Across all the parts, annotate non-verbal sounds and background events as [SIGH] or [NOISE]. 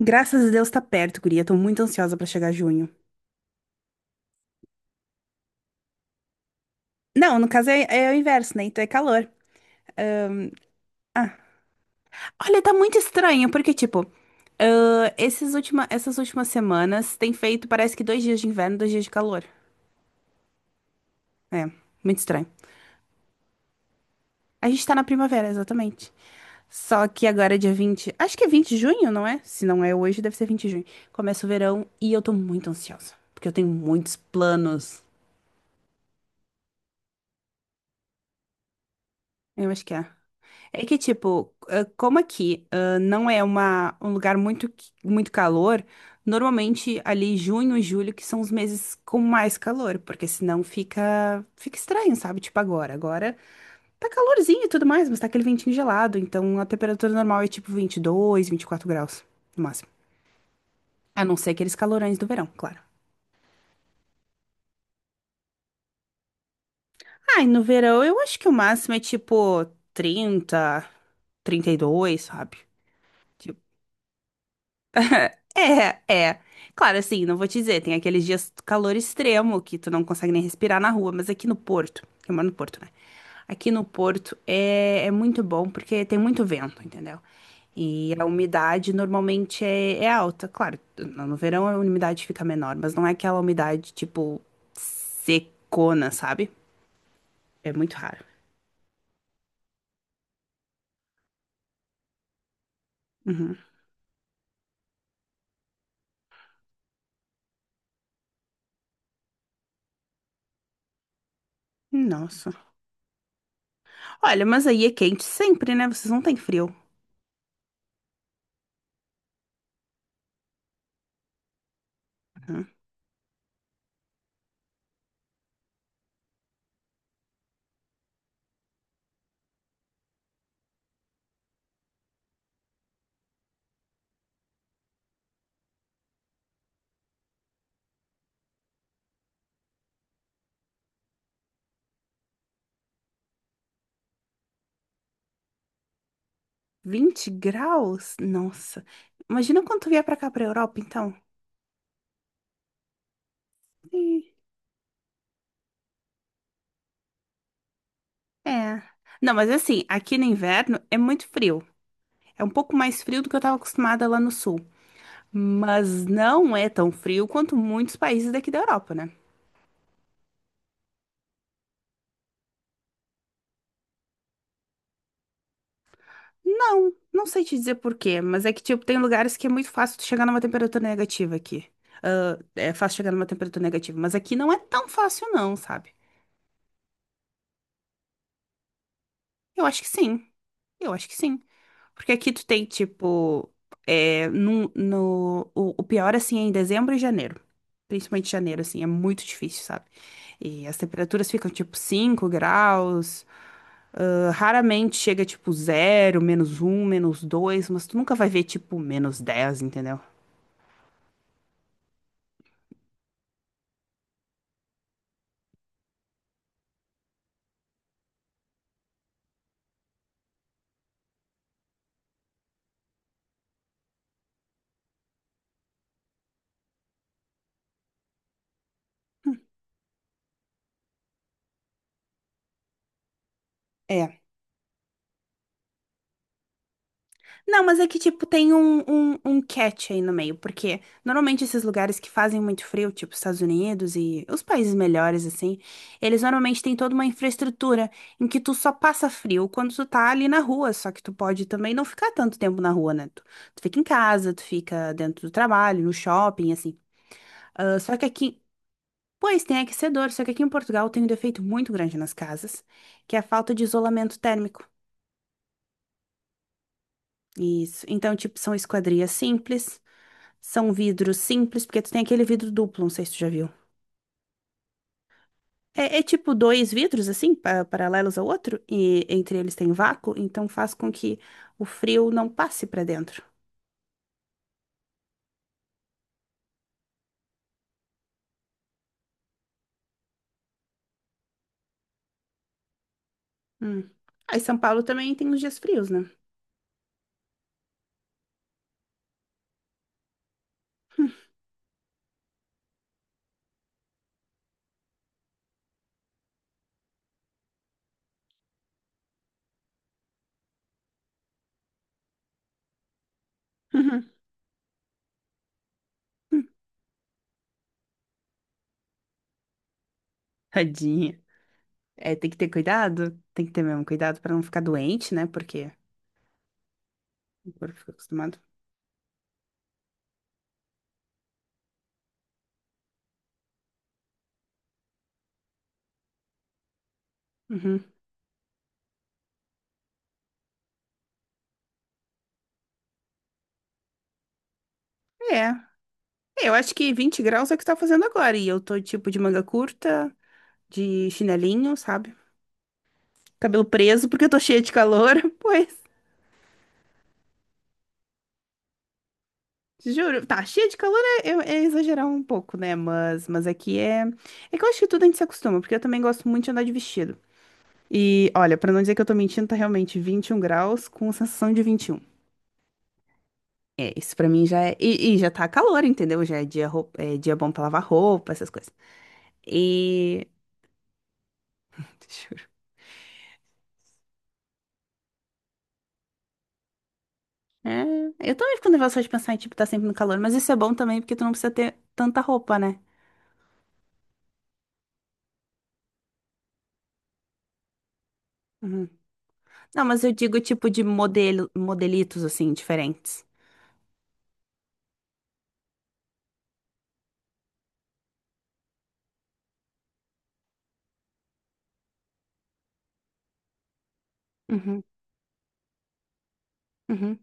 Graças a Deus tá perto, guria. Tô muito ansiosa pra chegar junho. Não, no caso é o inverso, né? Então é calor. Ahn, ah. Olha, tá muito estranho, porque, tipo, essas últimas semanas tem feito, parece que 2 dias de inverno, 2 dias de calor. É, muito estranho. A gente tá na primavera, exatamente. Só que agora é dia 20. Acho que é 20 de junho, não é? Se não é hoje, deve ser 20 de junho. Começa o verão e eu tô muito ansiosa, porque eu tenho muitos planos. Eu acho que é. É que, tipo, como aqui, não é um lugar muito, muito calor, normalmente ali junho e julho que são os meses com mais calor, porque senão fica estranho, sabe? Tipo agora. Agora tá calorzinho e tudo mais, mas tá aquele ventinho gelado, então a temperatura normal é tipo 20, 22, 24 graus, no máximo. A não ser aqueles calorões do verão, claro. Ai, no verão eu acho que o máximo é tipo 30, 32, sabe? É, é. Claro, assim, não vou te dizer, tem aqueles dias de calor extremo que tu não consegue nem respirar na rua, mas aqui no Porto, eu moro no Porto, né? Aqui no Porto é muito bom porque tem muito vento, entendeu? E a umidade normalmente é alta. Claro, no verão a umidade fica menor, mas não é aquela umidade tipo secona, sabe? É muito raro. Uhum. Nossa. Olha, mas aí é quente sempre, né? Vocês não têm frio. Uhum. 20 graus? Nossa. Imagina quando tu vier pra cá, pra Europa, então. Ih, é. Não, mas assim, aqui no inverno é muito frio. É um pouco mais frio do que eu tava acostumada lá no sul. Mas não é tão frio quanto muitos países daqui da Europa, né? Não, não sei te dizer por quê, mas é que, tipo, tem lugares que é muito fácil tu chegar numa temperatura negativa aqui. Ah, é fácil chegar numa temperatura negativa, mas aqui não é tão fácil, não, sabe? Eu acho que sim. Eu acho que sim. Porque aqui tu tem, tipo, é, no, o pior, assim, é em dezembro e janeiro. Principalmente janeiro, assim, é muito difícil, sabe? E as temperaturas ficam, tipo, 5 graus. Ah, raramente chega, tipo, 0, -1, -2, mas tu nunca vai ver, tipo, -10, entendeu? É. Não, mas é que, tipo, tem um catch aí no meio, porque normalmente esses lugares que fazem muito frio, tipo Estados Unidos e os países melhores, assim, eles normalmente têm toda uma infraestrutura em que tu só passa frio quando tu tá ali na rua, só que tu pode também não ficar tanto tempo na rua, né? Tu fica em casa, tu fica dentro do trabalho, no shopping, assim. Ah, só que aqui. Pois, tem aquecedor, só que aqui em Portugal tem um defeito muito grande nas casas, que é a falta de isolamento térmico. Isso. Então, tipo, são esquadrias simples. São vidros simples, porque tu tem aquele vidro duplo, não sei se tu já viu. É tipo dois vidros, assim, paralelos ao outro, e entre eles tem vácuo, então faz com que o frio não passe pra dentro. Hum. Aí São Paulo também tem os dias frios, né? [LAUGHS] Tadinha. É, tem que ter cuidado, tem que ter mesmo cuidado pra não ficar doente, né? Porque o corpo fica acostumado. Uhum. É. Eu acho que 20 graus é o que tá fazendo agora, e eu tô tipo de manga curta, de chinelinho, sabe? Cabelo preso, porque eu tô cheia de calor, [LAUGHS] pois, juro. Tá, cheia de calor é exagerar um pouco, né? Mas aqui é. É que eu acho que tudo a gente se acostuma, porque eu também gosto muito de andar de vestido. E olha, pra não dizer que eu tô mentindo, tá realmente 21 graus com sensação de 21. É, isso pra mim já é. E já tá calor, entendeu? Já é dia bom pra lavar roupa, essas coisas. E. [LAUGHS] Juro. É, eu também fico nervosa só de pensar em, tipo, tá sempre no calor, mas isso é bom também, porque tu não precisa ter tanta roupa, né? Uhum. Não, mas eu digo tipo de modelo, modelitos assim, diferentes. Uhum, uhum.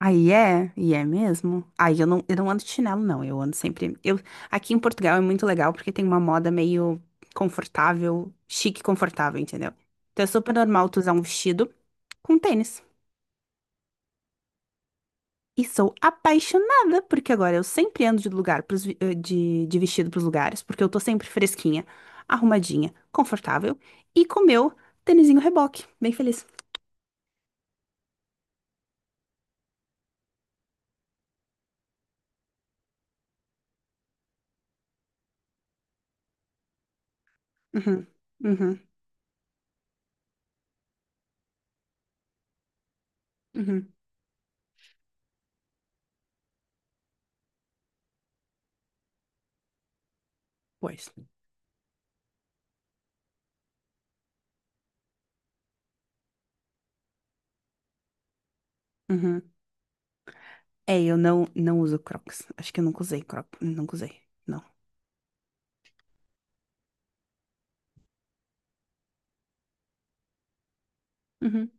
Aí é, e é mesmo. Aí eu não ando de chinelo, não. Eu ando sempre. Aqui em Portugal é muito legal porque tem uma moda meio confortável, chique e confortável, entendeu? Então é super normal tu usar um vestido com tênis. E sou apaixonada, porque agora eu sempre ando de lugar pros, vi- eh, de vestido pros lugares, porque eu tô sempre fresquinha, arrumadinha, confortável e com meu tênisinho reboque, bem feliz. Uhum, uhum. Uhum. Pois. Uhum. É, eu não uso Crocs. Acho que eu nunca usei Crocs. Nunca usei. Não. Uhum.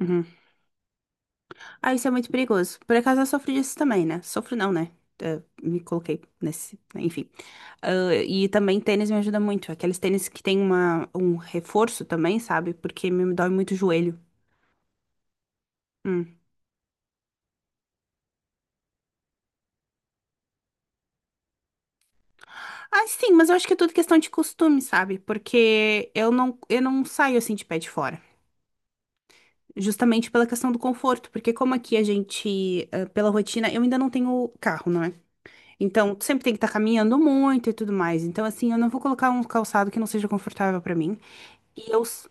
Uhum. Ah, isso é muito perigoso. Por acaso eu sofro disso também, né? Sofro não, né? Me coloquei nesse, né. Enfim. Ah, e também tênis me ajuda muito. Aqueles tênis que tem um reforço também, sabe? Porque me dói muito o joelho. Hum. Ah, sim, mas eu acho que é tudo questão de costume, sabe? Porque eu não saio assim de pé de fora. Justamente pela questão do conforto, porque como aqui a gente, pela rotina, eu ainda não tenho carro, não é? Então, tu sempre tem que estar caminhando muito e tudo mais. Então, assim, eu não vou colocar um calçado que não seja confortável pra mim. E eu, s-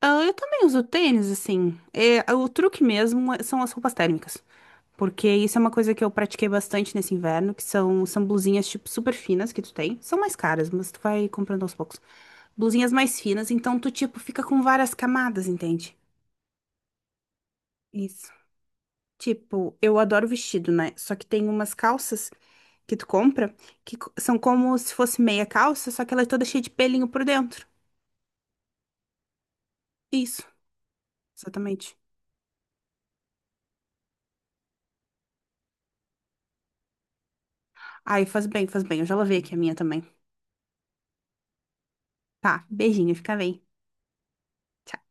ah, eu também uso tênis, assim. É, o truque mesmo são as roupas térmicas. Porque isso é uma coisa que eu pratiquei bastante nesse inverno, que são blusinhas, tipo, super finas que tu tem. São mais caras, mas tu vai comprando aos poucos. Blusinhas mais finas, então tu, tipo, fica com várias camadas, entende? Isso. Tipo, eu adoro vestido, né? Só que tem umas calças que tu compra que são como se fosse meia calça, só que ela é toda cheia de pelinho por dentro. Isso, exatamente. Ai, faz bem, faz bem. Eu já lavei aqui a minha também. Tá, beijinho, fica bem. Tchau.